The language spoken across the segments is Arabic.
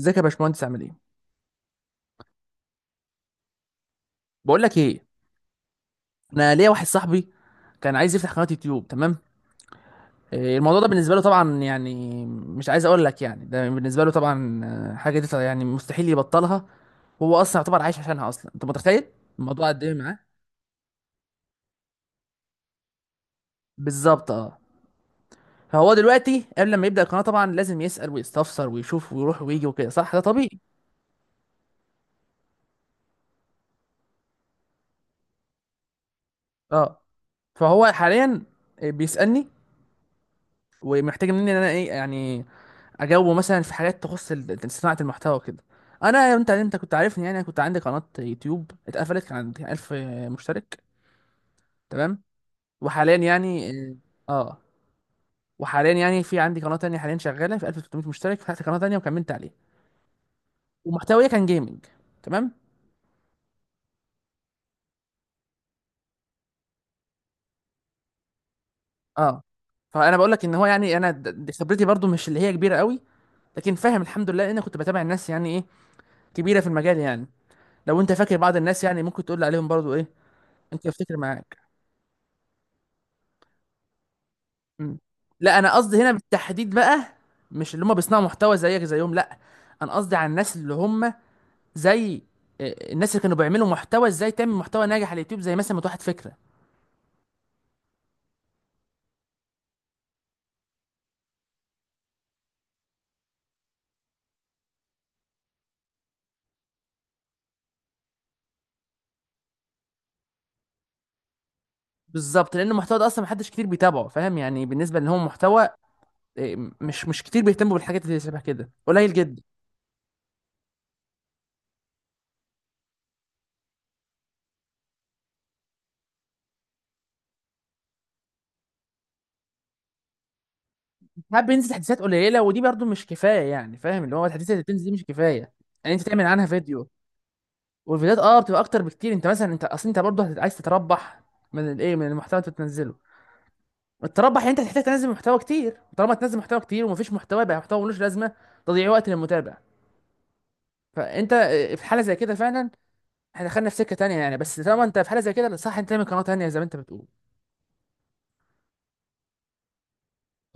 ازيك يا باشمهندس؟ عامل ايه؟ بقول لك ايه، انا ليا واحد صاحبي كان عايز يفتح قناه يوتيوب. تمام. الموضوع ده بالنسبه له طبعا، يعني مش عايز اقول لك، يعني ده بالنسبه له طبعا، حاجه دي يعني مستحيل يبطلها. وهو اصلا يعتبر عايش عشانها اصلا، انت متخيل؟ الموضوع قد ايه معاه؟ بالظبط اه. فهو دلوقتي قبل ما يبدا القناه طبعا لازم يسال ويستفسر ويشوف ويروح ويجي وكده، صح؟ ده طبيعي. اه. فهو حاليا بيسألني ومحتاج مني ان انا ايه يعني، اجاوبه مثلا في حاجات تخص صناعه المحتوى كده. انا، انت كنت عارفني يعني، انا كنت عندي قناه يوتيوب اتقفلت، كان عندي 1000 مشترك. تمام. وحاليا يعني اه آه. وحاليا يعني في عندي قناه تانية حاليا شغاله في 1300 مشترك، فتحت قناه تانية وكملت عليها. ومحتوية كان جيمنج. تمام. اه. فانا بقول لك ان هو، يعني انا دي خبرتي برضو مش اللي هي كبيره قوي، لكن فاهم الحمد لله لان أنا كنت بتابع الناس يعني ايه، كبيره في المجال يعني. لو انت فاكر بعض الناس يعني ممكن تقول لي عليهم برضو ايه، انت افتكر معاك. مم. لا، انا قصدي هنا بالتحديد بقى، مش اللي هم بيصنعوا محتوى زيك زيهم، لا. انا قصدي على الناس اللي هم، زي، الناس اللي كانوا بيعملوا محتوى ازاي تعمل محتوى ناجح على اليوتيوب، زي مثلا متوحد فكره. بالظبط، لان المحتوى ده اصلا محدش كتير بيتابعه، فاهم يعني، بالنسبه ان هو محتوى، مش كتير بيهتموا بالحاجات اللي شبه كده، قليل جدا. ساعات بينزل تحديثات قليله، ودي برضو مش كفايه يعني، فاهم، اللي هو التحديثات اللي بتنزل دي مش كفايه. يعني انت تعمل عنها فيديو، والفيديوهات اه بتبقى اكتر بكتير. انت مثلا انت اصل انت برضو عايز تتربح من الايه، من المحتوى اللي انت بتنزله. تربح، انت هتحتاج تنزل محتوى كتير، طالما تنزل محتوى كتير ومفيش محتوى، يبقى محتوى ملوش لازمه، تضييع وقت للمتابع. فانت في حاله زي كده فعلا، احنا دخلنا في سكه تانية يعني، بس طالما انت في حاله زي كده، صح، انت تعمل قناه تانية زي ما انت بتقول.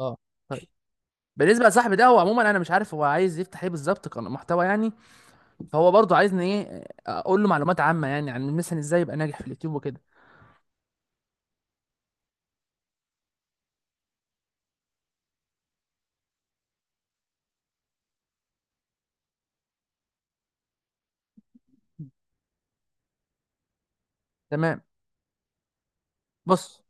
اه. طيب، بالنسبه لصاحبي ده، هو عموما انا مش عارف هو عايز يفتح ايه بالظبط، قناه محتوى يعني. فهو برضه عايزني ايه، اقول له معلومات عامه يعني عن مثلا ازاي يبقى ناجح في اليوتيوب وكده. تمام. بص.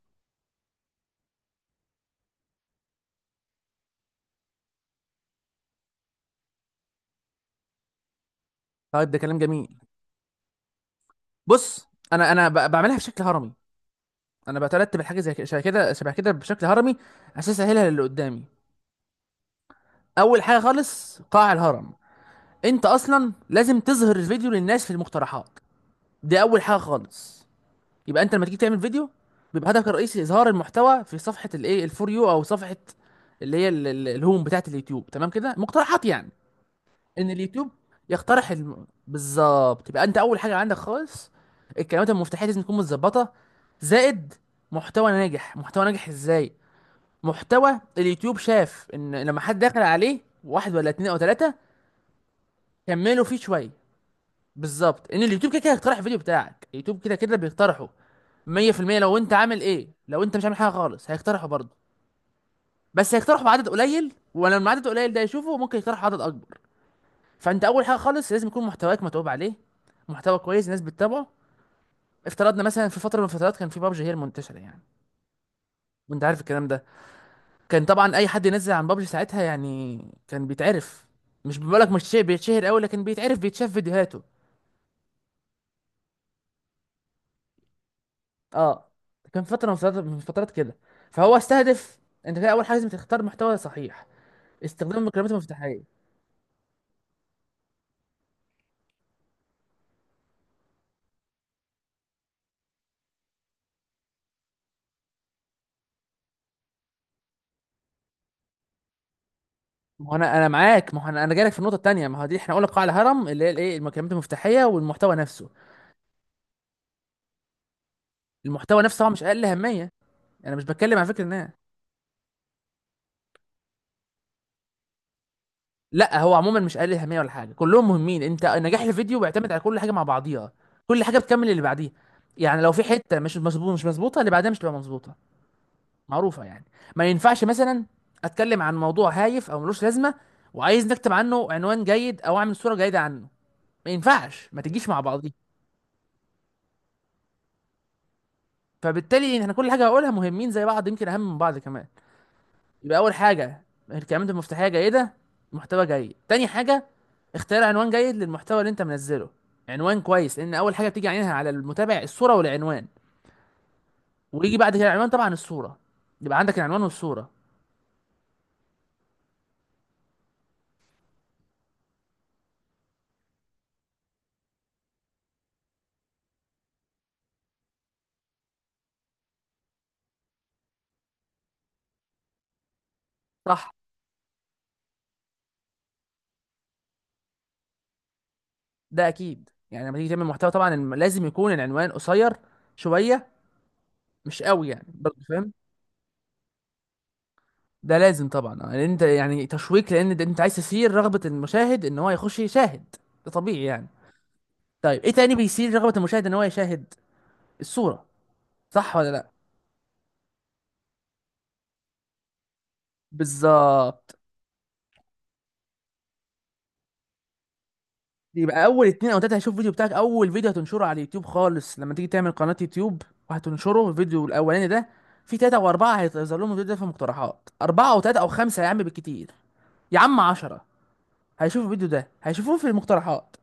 طيب ده كلام جميل. بص، انا بعملها بشكل هرمي. انا بترتب الحاجه زي كده، شبه كده شبه كده، بشكل هرمي، عشان اسهلها للي قدامي. اول حاجه خالص، قاع الهرم، انت اصلا لازم تظهر الفيديو للناس في المقترحات، دي اول حاجه خالص. يبقى انت لما تيجي تعمل فيديو، بيبقى هدفك الرئيسي اظهار المحتوى في صفحه الايه الفور يو، او صفحه اللي هي الهوم بتاعه اليوتيوب، تمام كده، مقترحات يعني. ان اليوتيوب يقترح بالظبط، يبقى انت اول حاجه عندك خالص، الكلمات المفتاحيه لازم تكون متظبطه. زائد محتوى ناجح. محتوى ناجح ازاي؟ محتوى اليوتيوب شاف ان لما حد دخل عليه واحد ولا اتنين او تلاتة، كملوا فيه شويه، بالظبط، ان اليوتيوب كده كده هيقترح الفيديو بتاعك، اليوتيوب كده كده بيقترحه 100%. لو انت عامل ايه، لو انت مش عامل حاجه خالص هيقترحه برضه، بس هيقترحه بعدد قليل، ولما العدد قليل ده يشوفه ممكن يقترح عدد اكبر. فانت اول حاجه خالص لازم يكون محتواك متعوب عليه، محتوى كويس الناس بتتابعه. افترضنا مثلا في فتره من الفترات كان في بابجي هي المنتشره يعني، وانت عارف الكلام ده، كان طبعا اي حد ينزل عن بابجي ساعتها يعني كان بيتعرف. مش بقولك مش شيء بيتشهر قوي، لكن بيتعرف، بيتشاف فيديوهاته. اه. كان فتره من فترات كده، فهو استهدف. انت كده اول حاجه لازم تختار محتوى صحيح، استخدام المكالمات المفتاحيه. ما هو انا معاك، ما هو انا جايلك في النقطه التانيه، ما هو دي احنا قلنا قاع الهرم اللي هي الايه، المكالمات المفتاحيه والمحتوى نفسه. المحتوى نفسه هو مش اقل اهميه، انا مش بتكلم على فكره الناس، لا، هو عموما مش قليل اهميه ولا حاجه، كلهم مهمين. انت نجاح الفيديو بيعتمد على كل حاجه مع بعضيها، كل حاجه بتكمل اللي بعديها. يعني لو في حته مش مظبوطه، اللي بعدها مش تبقى مظبوطه، معروفه يعني. ما ينفعش مثلا اتكلم عن موضوع هايف او ملوش لازمه، وعايز نكتب عنه عنوان جيد او اعمل صوره جيده عنه، ما ينفعش، ما تجيش مع بعضيها. فبالتالي احنا كل حاجه هقولها مهمين زي بعض، يمكن اهم من بعض كمان. يبقى اول حاجه، الكلمات المفتاحيه جيده، محتوى جيد. تاني حاجه، اختار عنوان جيد للمحتوى اللي انت منزله، عنوان كويس، لان اول حاجه بتيجي عينها على المتابع الصوره والعنوان. ويجي بعد كده العنوان طبعا الصوره، يبقى عندك العنوان والصوره. صح. ده اكيد يعني، لما تيجي تعمل محتوى طبعا لازم يكون العنوان قصير شويه، مش قوي يعني برضه، فاهم. ده لازم طبعا، لان انت يعني تشويق، لان ده انت عايز تثير رغبه المشاهد ان هو يخش يشاهد، ده طبيعي يعني. طيب ايه تاني بيثير رغبه المشاهد ان هو يشاهد؟ الصوره، صح ولا لا؟ بالظبط. يبقى اول اتنين او تلاته هيشوف الفيديو بتاعك، اول فيديو هتنشره على اليوتيوب خالص لما تيجي تعمل قناه يوتيوب، وهتنشره الفيديو الاولاني ده، في تلاته واربعه هيظهر لهم الفيديو ده في المقترحات، اربعه او تلاته او خمسه يا عم بالكتير، يا عم 10، هيشوفوا الفيديو ده، هيشوفوه في المقترحات.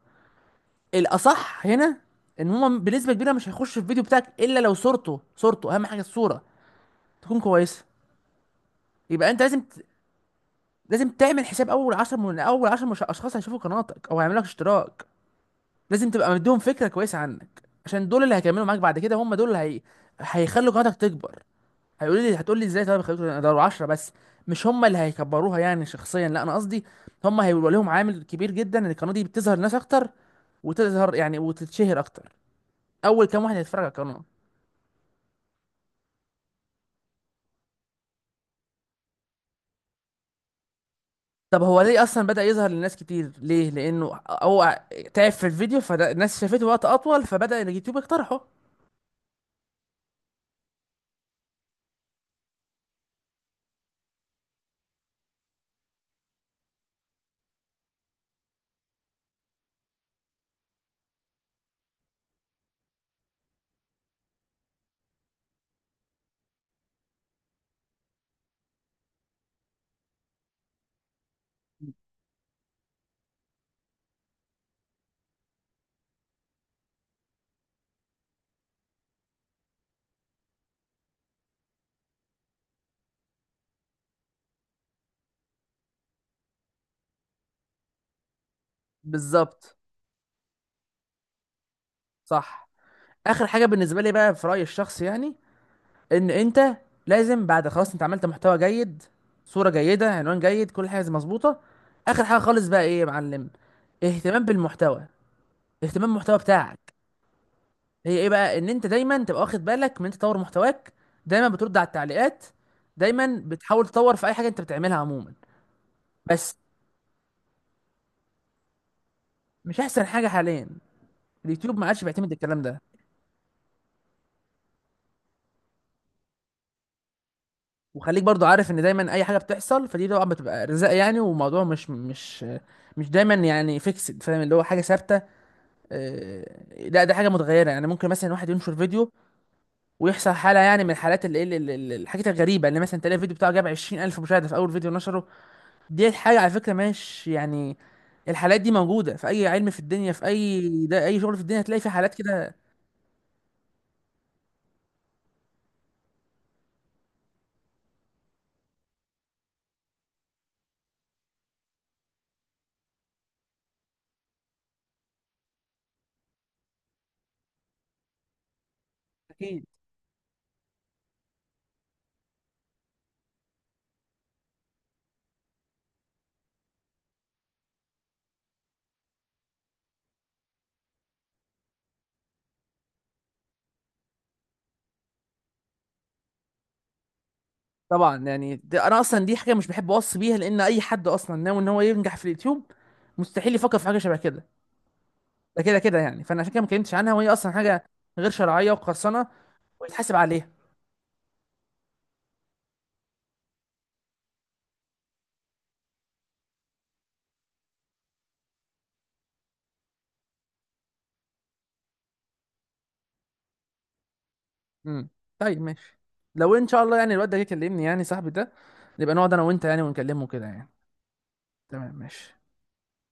الاصح هنا ان هم بنسبه كبيره مش هيخشوا الفيديو بتاعك الا لو صورته، صورته اهم حاجه، الصوره تكون كويسه. يبقى انت لازم، لازم تعمل حساب اول 10، من اول 10 اشخاص هيشوفوا قناتك او هيعملوا لك اشتراك، لازم تبقى مديهم فكره كويسه عنك، عشان دول اللي هيكملوا معاك بعد كده، هم دول اللي هي... هيخلوا قناتك تكبر. هيقولوا لي، هتقول لي ازاي؟ طيب، خليكوا ده 10 بس، مش هم اللي هيكبروها يعني شخصيا، لا، انا قصدي هم هيبقى لهم عامل كبير جدا ان القناه دي بتظهر ناس اكتر، وتظهر يعني وتتشهر اكتر. اول كام واحد هيتفرج على القناه؟ طب هو ليه اصلا بدأ يظهر للناس كتير؟ ليه؟ لانه هو تعب في الفيديو، فالناس شافته وقت اطول، فبدأ اليوتيوب يقترحه. بالظبط. صح. اخر حاجه بالنسبه لي بقى في رايي الشخصي يعني، ان انت لازم بعد خلاص انت عملت محتوى جيد، صورة جيدة، عنوان جيد، كل حاجة مظبوطة، اخر حاجة خالص بقى ايه يا معلم، اهتمام بالمحتوى. اهتمام بالمحتوى بتاعك، هي ايه بقى؟ ان انت دايما تبقى واخد بالك من إنت تطور محتواك، دايما بترد على التعليقات، دايما بتحاول تطور في اي حاجة انت بتعملها عموما. بس مش احسن حاجة حاليا، اليوتيوب ما عادش بيعتمد الكلام ده. وخليك برضو عارف ان دايما اي حاجة بتحصل فدي طبعا بتبقى رزق يعني، وموضوع مش دايما يعني فيكسد، فاهم اللي هو حاجة ثابتة، لا، ده حاجه متغيره يعني. ممكن مثلا واحد ينشر فيديو ويحصل حاله يعني من الحالات اللي الحاجات الغريبه اللي مثلا تلاقي الفيديو بتاعه جاب 20,000 مشاهده في اول فيديو نشره. دي حاجه على فكره، مش يعني، الحالات دي موجوده في اي علم في الدنيا، في اي، ده اي شغل في الدنيا هتلاقي في حالات كده. اكيد طبعا، يعني ده انا اصلا دي حاجه مش بحب اوصي بيها لان اي حد اصلا ناوي ان هو ينجح في اليوتيوب، مستحيل يفكر في حاجه شبه كده، ده كده كده يعني. فانا عشان كده ما اتكلمتش عنها، وهي اصلا حاجه غير شرعيه وقرصنه ويتحاسب عليها. امم طيب، ماشي. لو ان شاء الله يعني الواد ده جه يكلمني، يعني صاحبي ده، نبقى نقعد انا وانت يعني ونكلمه كده يعني. تمام ماشي.